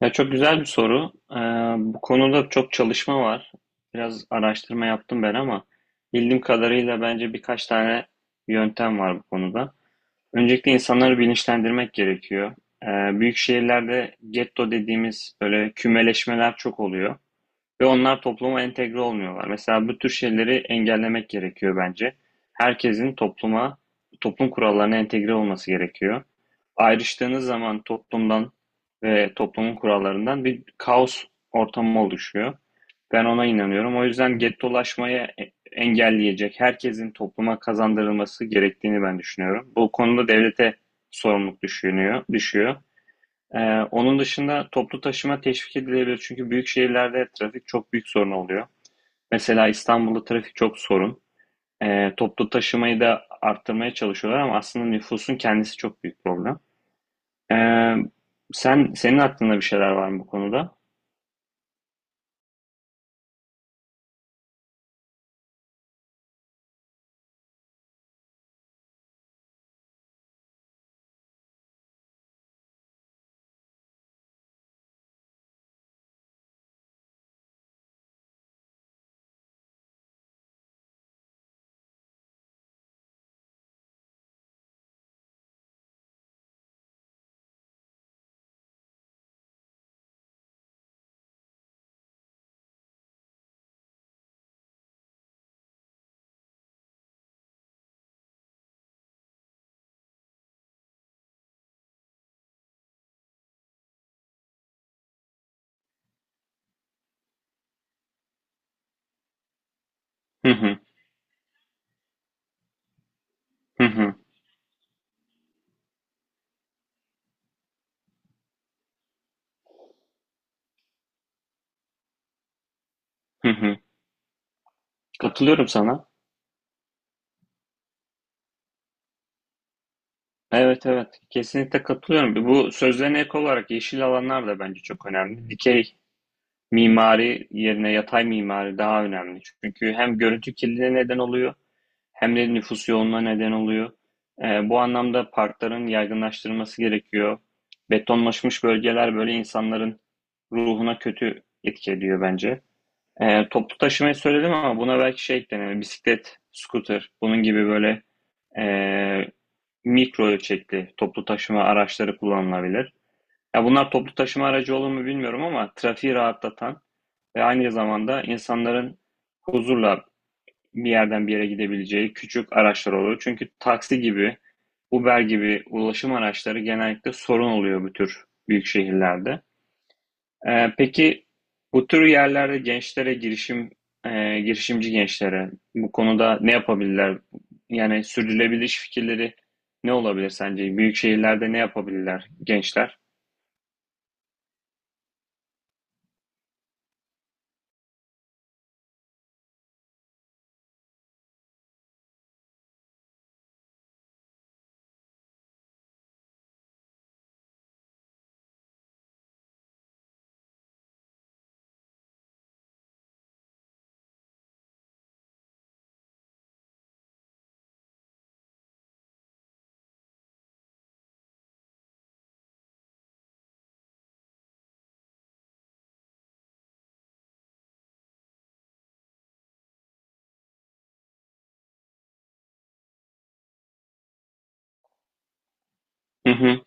Ya çok güzel bir soru. Bu konuda çok çalışma var. Biraz araştırma yaptım ben ama bildiğim kadarıyla bence birkaç tane yöntem var bu konuda. Öncelikle insanları bilinçlendirmek gerekiyor. Büyük şehirlerde getto dediğimiz böyle kümeleşmeler çok oluyor. Ve onlar topluma entegre olmuyorlar. Mesela bu tür şeyleri engellemek gerekiyor bence. Herkesin topluma, toplum kurallarına entegre olması gerekiyor. Ayrıştığınız zaman toplumdan ve toplumun kurallarından bir kaos ortamı oluşuyor. Ben ona inanıyorum. O yüzden gettolaşmayı engelleyecek herkesin topluma kazandırılması gerektiğini ben düşünüyorum. Bu konuda devlete düşüyor. Onun dışında toplu taşıma teşvik edilebilir. Çünkü büyük şehirlerde trafik çok büyük sorun oluyor. Mesela İstanbul'da trafik çok sorun. Toplu taşımayı da arttırmaya çalışıyorlar ama aslında nüfusun kendisi çok büyük problem. Ee, senin aklında bir şeyler var mı bu konuda? Hı hı, hı hı, hı hı. Katılıyorum sana. Evet, evet, kesinlikle katılıyorum. Bu sözlerine ek olarak yeşil alanlar da bence çok önemli. Dikey mimari yerine yatay mimari daha önemli. Çünkü hem görüntü kirliliğine neden oluyor hem de nüfus yoğunluğuna neden oluyor. Bu anlamda parkların yaygınlaştırılması gerekiyor. Betonlaşmış bölgeler böyle insanların ruhuna kötü etki ediyor bence. Toplu taşımayı söyledim ama buna belki şey eklenir. Bisiklet, scooter, bunun gibi böyle eee, mikro ölçekli toplu taşıma araçları kullanılabilir. Ya bunlar toplu taşıma aracı olur mu bilmiyorum ama trafiği rahatlatan ve aynı zamanda insanların huzurla bir yerden bir yere gidebileceği küçük araçlar oluyor. Çünkü taksi gibi, Uber gibi ulaşım araçları genellikle sorun oluyor bu tür büyük şehirlerde. Peki bu tür yerlerde gençlere girişim, girişimci gençlere bu konuda ne yapabilirler? Yani sürdürülebilir iş fikirleri ne olabilir sence? Büyük şehirlerde ne yapabilirler gençler? Hı hı.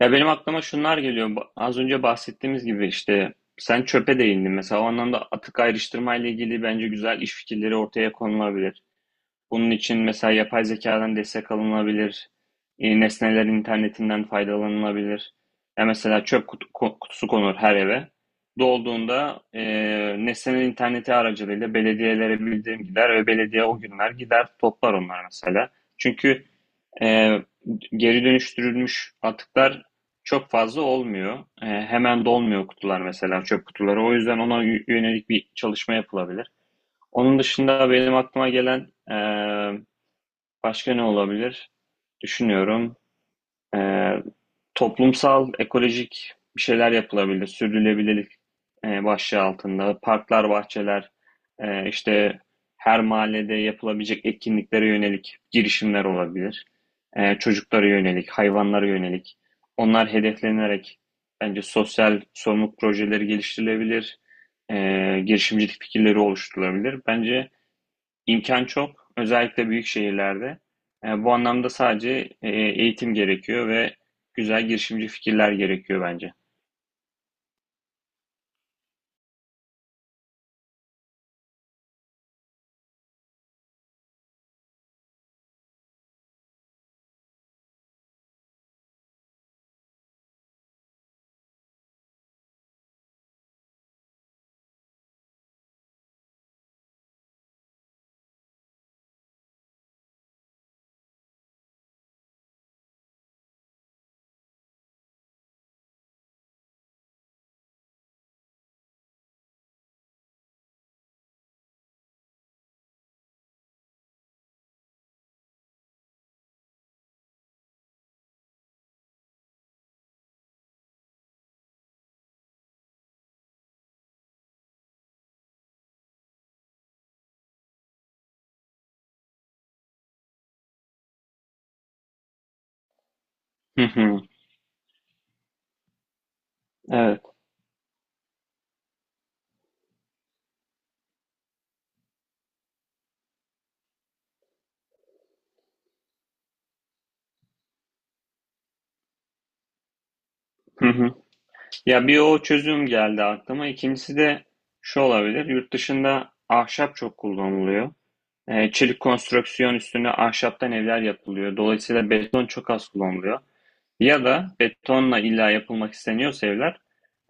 Ya benim aklıma şunlar geliyor. Az önce bahsettiğimiz gibi işte sen çöpe değindin. Mesela o anlamda atık ayrıştırma ile ilgili bence güzel iş fikirleri ortaya konulabilir. Bunun için mesela yapay zekadan destek alınabilir. Nesneler internetinden faydalanılabilir. Ya mesela çöp kutusu konur her eve. Dolduğunda nesneler interneti aracılığıyla belediyelere bildirim gider ve belediye o günler gider toplar onlar mesela. Çünkü ee, geri dönüştürülmüş atıklar çok fazla olmuyor. Hemen dolmuyor kutular, mesela çöp kutuları. O yüzden ona yönelik bir çalışma yapılabilir. Onun dışında benim aklıma gelen başka ne olabilir? Düşünüyorum. Eee, Toplumsal, ekolojik bir şeyler yapılabilir. Sürdürülebilirlik başlığı altında. Parklar, bahçeler, işte her mahallede yapılabilecek etkinliklere yönelik girişimler olabilir. Çocuklara yönelik, hayvanlara yönelik. Onlar hedeflenerek bence sosyal sorumluluk projeleri geliştirilebilir. Girişimcilik fikirleri oluşturulabilir. Bence İmkan çok, özellikle büyük şehirlerde. Bu anlamda sadece eğitim gerekiyor ve güzel girişimci fikirler gerekiyor bence. Hı hı. Evet. Hı hı. Ya bir o çözüm geldi aklıma. İkincisi de şu olabilir. Yurt dışında ahşap çok kullanılıyor. Çelik konstrüksiyon üstüne ahşaptan evler yapılıyor. Dolayısıyla beton çok az kullanılıyor. Ya da betonla illa yapılmak isteniyorsa evler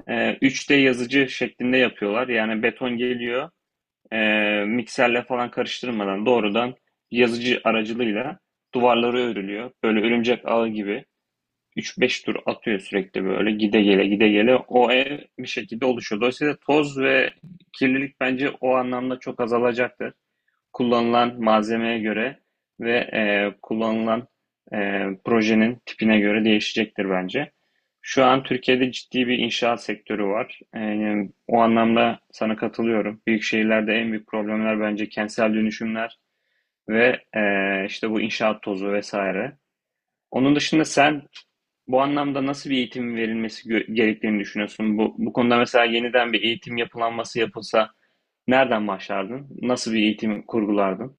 3D yazıcı şeklinde yapıyorlar. Yani beton geliyor. Mikserle falan karıştırmadan doğrudan yazıcı aracılığıyla duvarları örülüyor. Böyle örümcek ağı gibi 3-5 tur atıyor sürekli, böyle gide gele gide gele o ev bir şekilde oluşuyor. Dolayısıyla toz ve kirlilik bence o anlamda çok azalacaktır. Kullanılan malzemeye göre ve kullanılan projenin tipine göre değişecektir bence. Şu an Türkiye'de ciddi bir inşaat sektörü var. O anlamda sana katılıyorum. Büyük şehirlerde en büyük problemler bence kentsel dönüşümler ve işte bu inşaat tozu vesaire. Onun dışında sen bu anlamda nasıl bir eğitimin verilmesi gerektiğini düşünüyorsun? Bu konuda mesela yeniden bir eğitim yapılanması yapılsa nereden başlardın? Nasıl bir eğitim kurgulardın?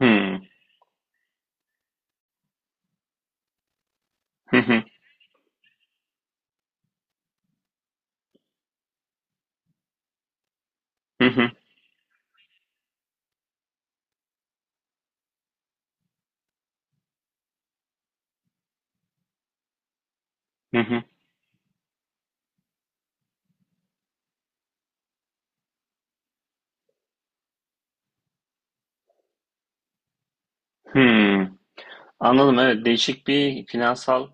Hmm. Hı hı, hı hı, hı hı. Hıı. Anladım. Evet, değişik bir finansal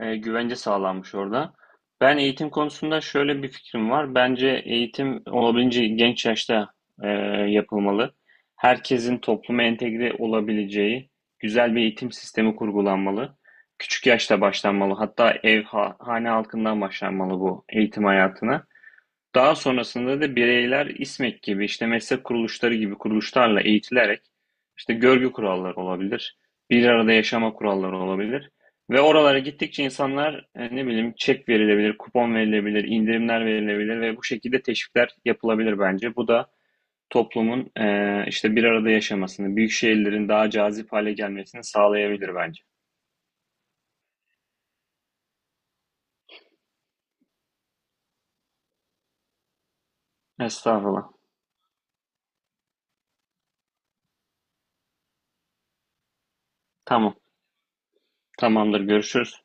güvence sağlanmış orada. Ben eğitim konusunda şöyle bir fikrim var. Bence eğitim olabildiğince genç yaşta e, yapılmalı. Herkesin topluma entegre olabileceği güzel bir eğitim sistemi kurgulanmalı. Küçük yaşta başlanmalı. Hatta ev, hane halkından başlanmalı bu eğitim hayatına. Daha sonrasında da bireyler İSMEK gibi, işte meslek kuruluşları gibi kuruluşlarla eğitilerek işte görgü kuralları olabilir, bir arada yaşama kuralları olabilir. Ve oralara gittikçe insanlar ne bileyim çek verilebilir, kupon verilebilir, indirimler verilebilir ve bu şekilde teşvikler yapılabilir bence. Bu da toplumun işte bir arada yaşamasını, büyük şehirlerin daha cazip hale gelmesini sağlayabilir bence. Estağfurullah. Tamam. Tamamdır. Görüşürüz.